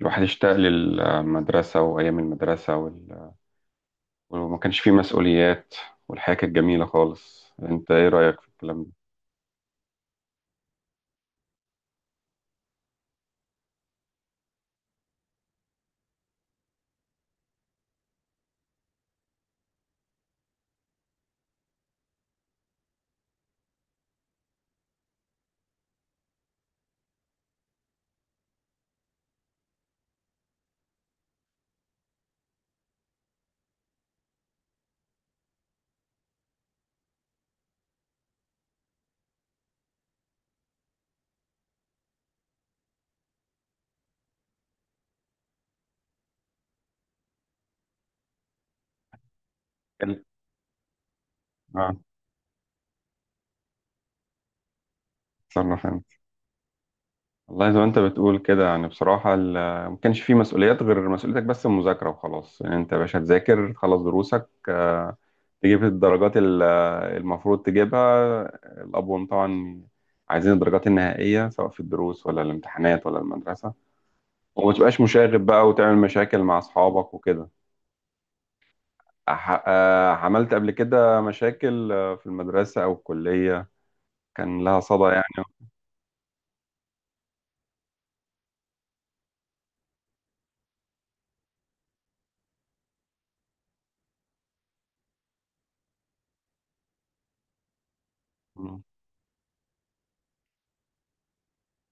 الواحد اشتاق للمدرسة وأيام المدرسة وما كانش فيه مسؤوليات. والحياة كانت جميلة خالص. أنت إيه رأيك في الكلام ده؟ كان- آه، تصرف أنت. والله زي ما أنت بتقول كده، يعني بصراحة ما كانش فيه مسؤوليات غير مسؤوليتك، بس المذاكرة وخلاص. يعني أنت يا باشا تذاكر، تخلص دروسك، تجيب الدرجات المفروض تجيبها. الأبوين طبعا عايزين الدرجات النهائية، سواء في الدروس ولا الامتحانات ولا المدرسة. وما تبقاش مشاغب بقى وتعمل مشاكل مع أصحابك وكده. عملت قبل كده مشاكل في المدرسة أو الكلية، كان لها صدى يعني؟ مم.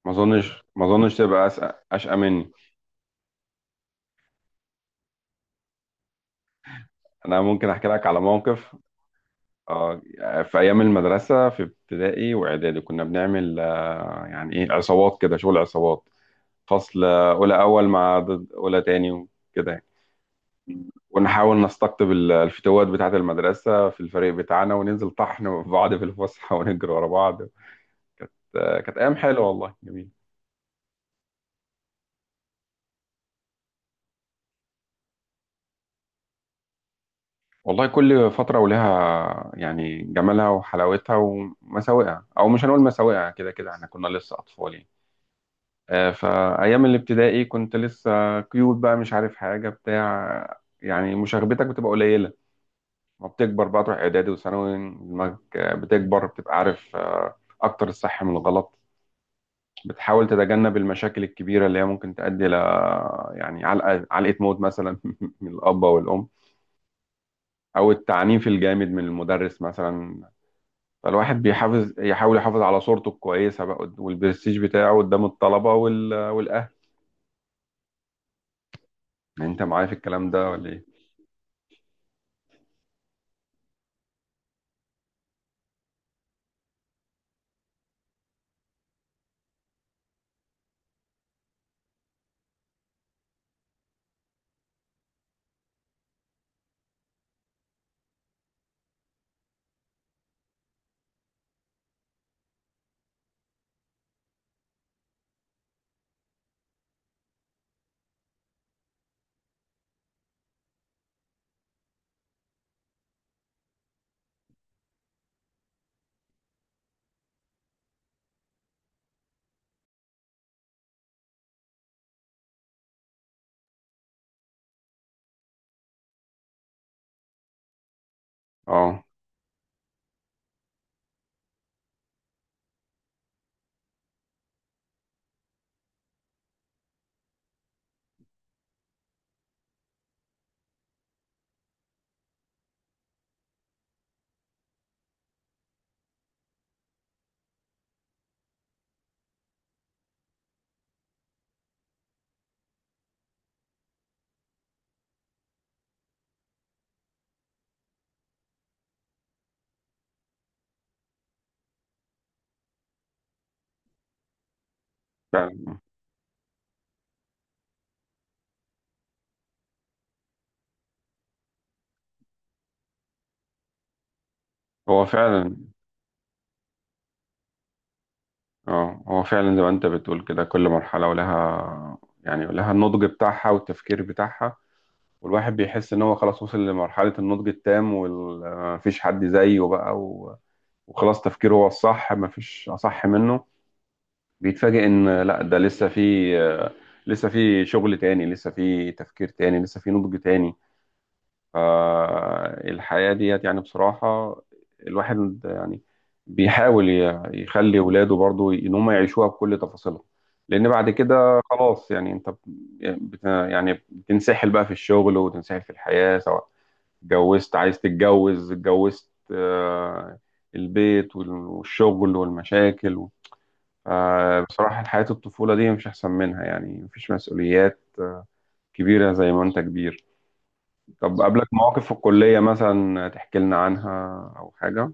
ما أظنش تبقى أشقى مني. أنا ممكن أحكي لك على موقف. آه، في أيام المدرسة في ابتدائي وإعدادي، كنا بنعمل يعني إيه، عصابات كده، شغل عصابات. فصل أولى أول مع ضد أولى تاني وكده يعني. ونحاول نستقطب الفتوات بتاعة المدرسة في الفريق بتاعنا، وننزل طحن في بعض في الفسحة ونجري ورا بعض. كانت أيام حلوة والله، جميل. والله كل فترة ولها يعني جمالها وحلاوتها ومساوئها، أو مش هنقول مساوئها، كده كده احنا كنا لسه أطفال يعني. فأيام الابتدائي كنت لسه كيوت بقى، مش عارف حاجة بتاع، يعني مشاغبتك بتبقى قليلة. ما بتكبر بقى تروح إعدادي وثانوي، دماغك بتكبر، بتبقى عارف أكتر الصح من الغلط. بتحاول تتجنب المشاكل الكبيرة اللي هي ممكن تؤدي ل، يعني علقة موت مثلا من الأب أو الأم، او التعنيف الجامد من المدرس مثلا. فالواحد يحاول يحافظ على صورته الكويسة بقى، والبرستيج بتاعه قدام الطلبة والأهل. يعني أنت معايا في الكلام ده ولا إيه؟ أه، فعلا. هو فعلا هو فعلا زي ما أنت بتقول كده، كل مرحلة ولها النضج بتاعها والتفكير بتاعها. والواحد بيحس إن هو خلاص وصل لمرحلة النضج التام، ومفيش حد زيه بقى وخلاص تفكيره هو الصح، مفيش أصح منه. بيتفاجئ ان لا، ده لسه في شغل تاني، لسه في تفكير تاني، لسه في نضج تاني. فالحياة ديت يعني بصراحة، الواحد يعني بيحاول يخلي ولاده برضو ان هم يعيشوها بكل تفاصيلها. لان بعد كده خلاص يعني، انت بت يعني بتنسحل بقى في الشغل، وتنسحل في الحياة. سواء اتجوزت عايز تتجوز، اتجوزت البيت والشغل والمشاكل. فبصراحة حياة الطفولة دي مش أحسن منها، يعني مفيش مسؤوليات كبيرة زي ما أنت كبير. طب قابلك مواقف في الكلية مثلا تحكي لنا عنها أو حاجة؟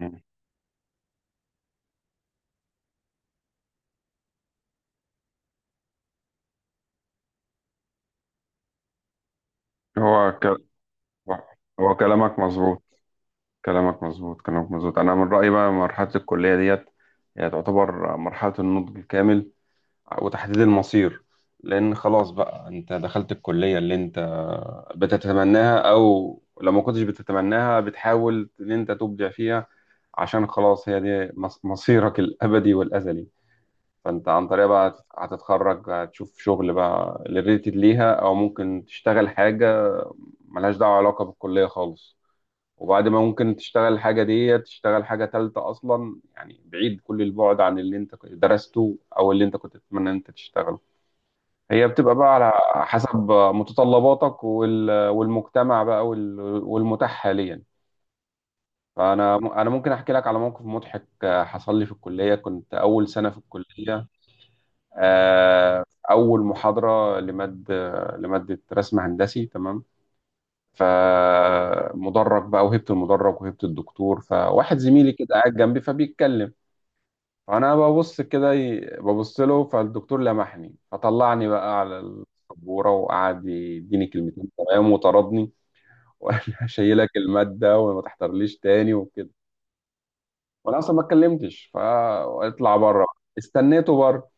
مم. هو ك... هو كلامك مظبوط، كلامك مظبوط، كلامك مظبوط. أنا من رأيي بقى مرحلة الكلية ديت هي تعتبر مرحلة النضج الكامل وتحديد المصير. لأن خلاص بقى أنت دخلت الكلية اللي أنت بتتمناها، أو لو ما كنتش بتتمناها بتحاول إن أنت تبدع فيها، عشان خلاص هي دي مصيرك الأبدي والأزلي. فأنت عن طريقها بقى هتتخرج، هتشوف شغل بقى ريليتد ليها، أو ممكن تشتغل حاجة ملهاش دعوة علاقة بالكلية خالص. وبعد ما ممكن تشتغل الحاجة دي، تشتغل حاجة تالتة أصلا يعني، بعيد كل البعد عن اللي أنت درسته أو اللي أنت كنت تتمنى إن أنت تشتغله. هي بتبقى بقى على حسب متطلباتك والمجتمع بقى والمتاح حاليا. فانا ممكن احكي لك على موقف مضحك حصل لي في الكليه. كنت اول سنه في الكليه. آه، اول محاضره لماده رسم هندسي تمام. فمدرج بقى، وهبت المدرج، وهبت الدكتور، فواحد زميلي كده قاعد جنبي فبيتكلم. فانا ببص كده، ببص له. فالدكتور لمحني، فطلعني بقى على السبوره وقعد يديني كلمتين، تمام، وطردني وقال لي هشيلك الماده وما تحضرليش تاني وكده. وانا اصلا ما اتكلمتش. فاطلع بره، استنيته بره،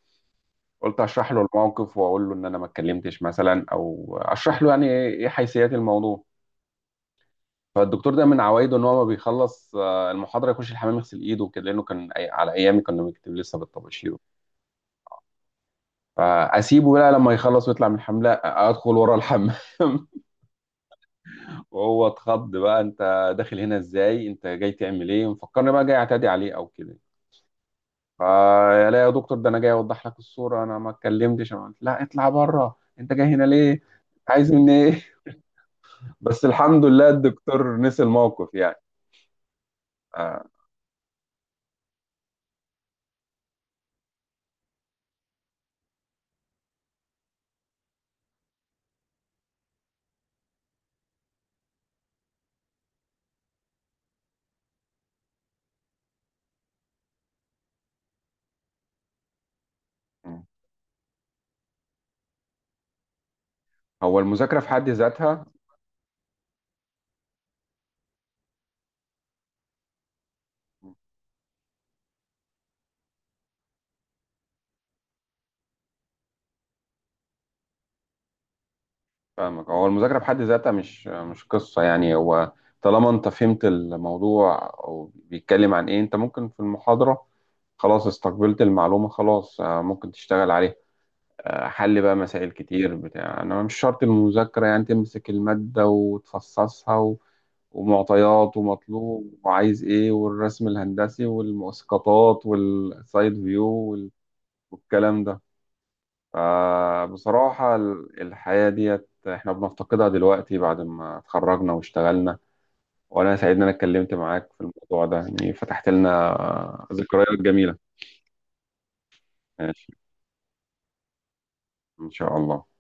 قلت اشرح له الموقف واقول له ان انا ما اتكلمتش مثلا، او اشرح له يعني إيه حيثيات الموضوع. فالدكتور ده من عوايده ان هو ما بيخلص المحاضره يخش الحمام يغسل ايده وكده، لانه كان على ايامي كنا بنكتب لسه بالطباشير. فاسيبه بقى لما يخلص ويطلع من الحمام، لا ادخل ورا الحمام وهو اتخض بقى، انت داخل هنا ازاي؟ انت جاي تعمل ايه؟ مفكرني بقى جاي اعتدي عليه او كده. فلا يا دكتور، ده انا جاي اوضح لك الصوره، انا ما اتكلمتش. انا قلت لا، اطلع بره، انت جاي هنا ليه؟ عايز مني ايه؟ بس الحمد لله الدكتور نسي الموقف يعني. آه. هو المذاكره في حد ذاتها. فاهمك. هو المذاكرة بحد ذاتها مش قصة يعني. هو طالما انت فهمت الموضوع او بيتكلم عن ايه، انت ممكن في المحاضرة خلاص استقبلت المعلومة، خلاص ممكن تشتغل عليها. حل بقى مسائل كتير بتاع، انا مش شرط المذاكرة يعني تمسك المادة وتفصصها ومعطيات ومطلوب وعايز ايه، والرسم الهندسي والمؤسقطات والسايد فيو والكلام ده. فبصراحة الحياة ديت احنا بنفتقدها دلوقتي بعد ما اتخرجنا واشتغلنا. وانا سعيد ان انا اتكلمت معاك في الموضوع ده، يعني فتحت لنا ذكريات جميلة. ماشي، ان شاء الله.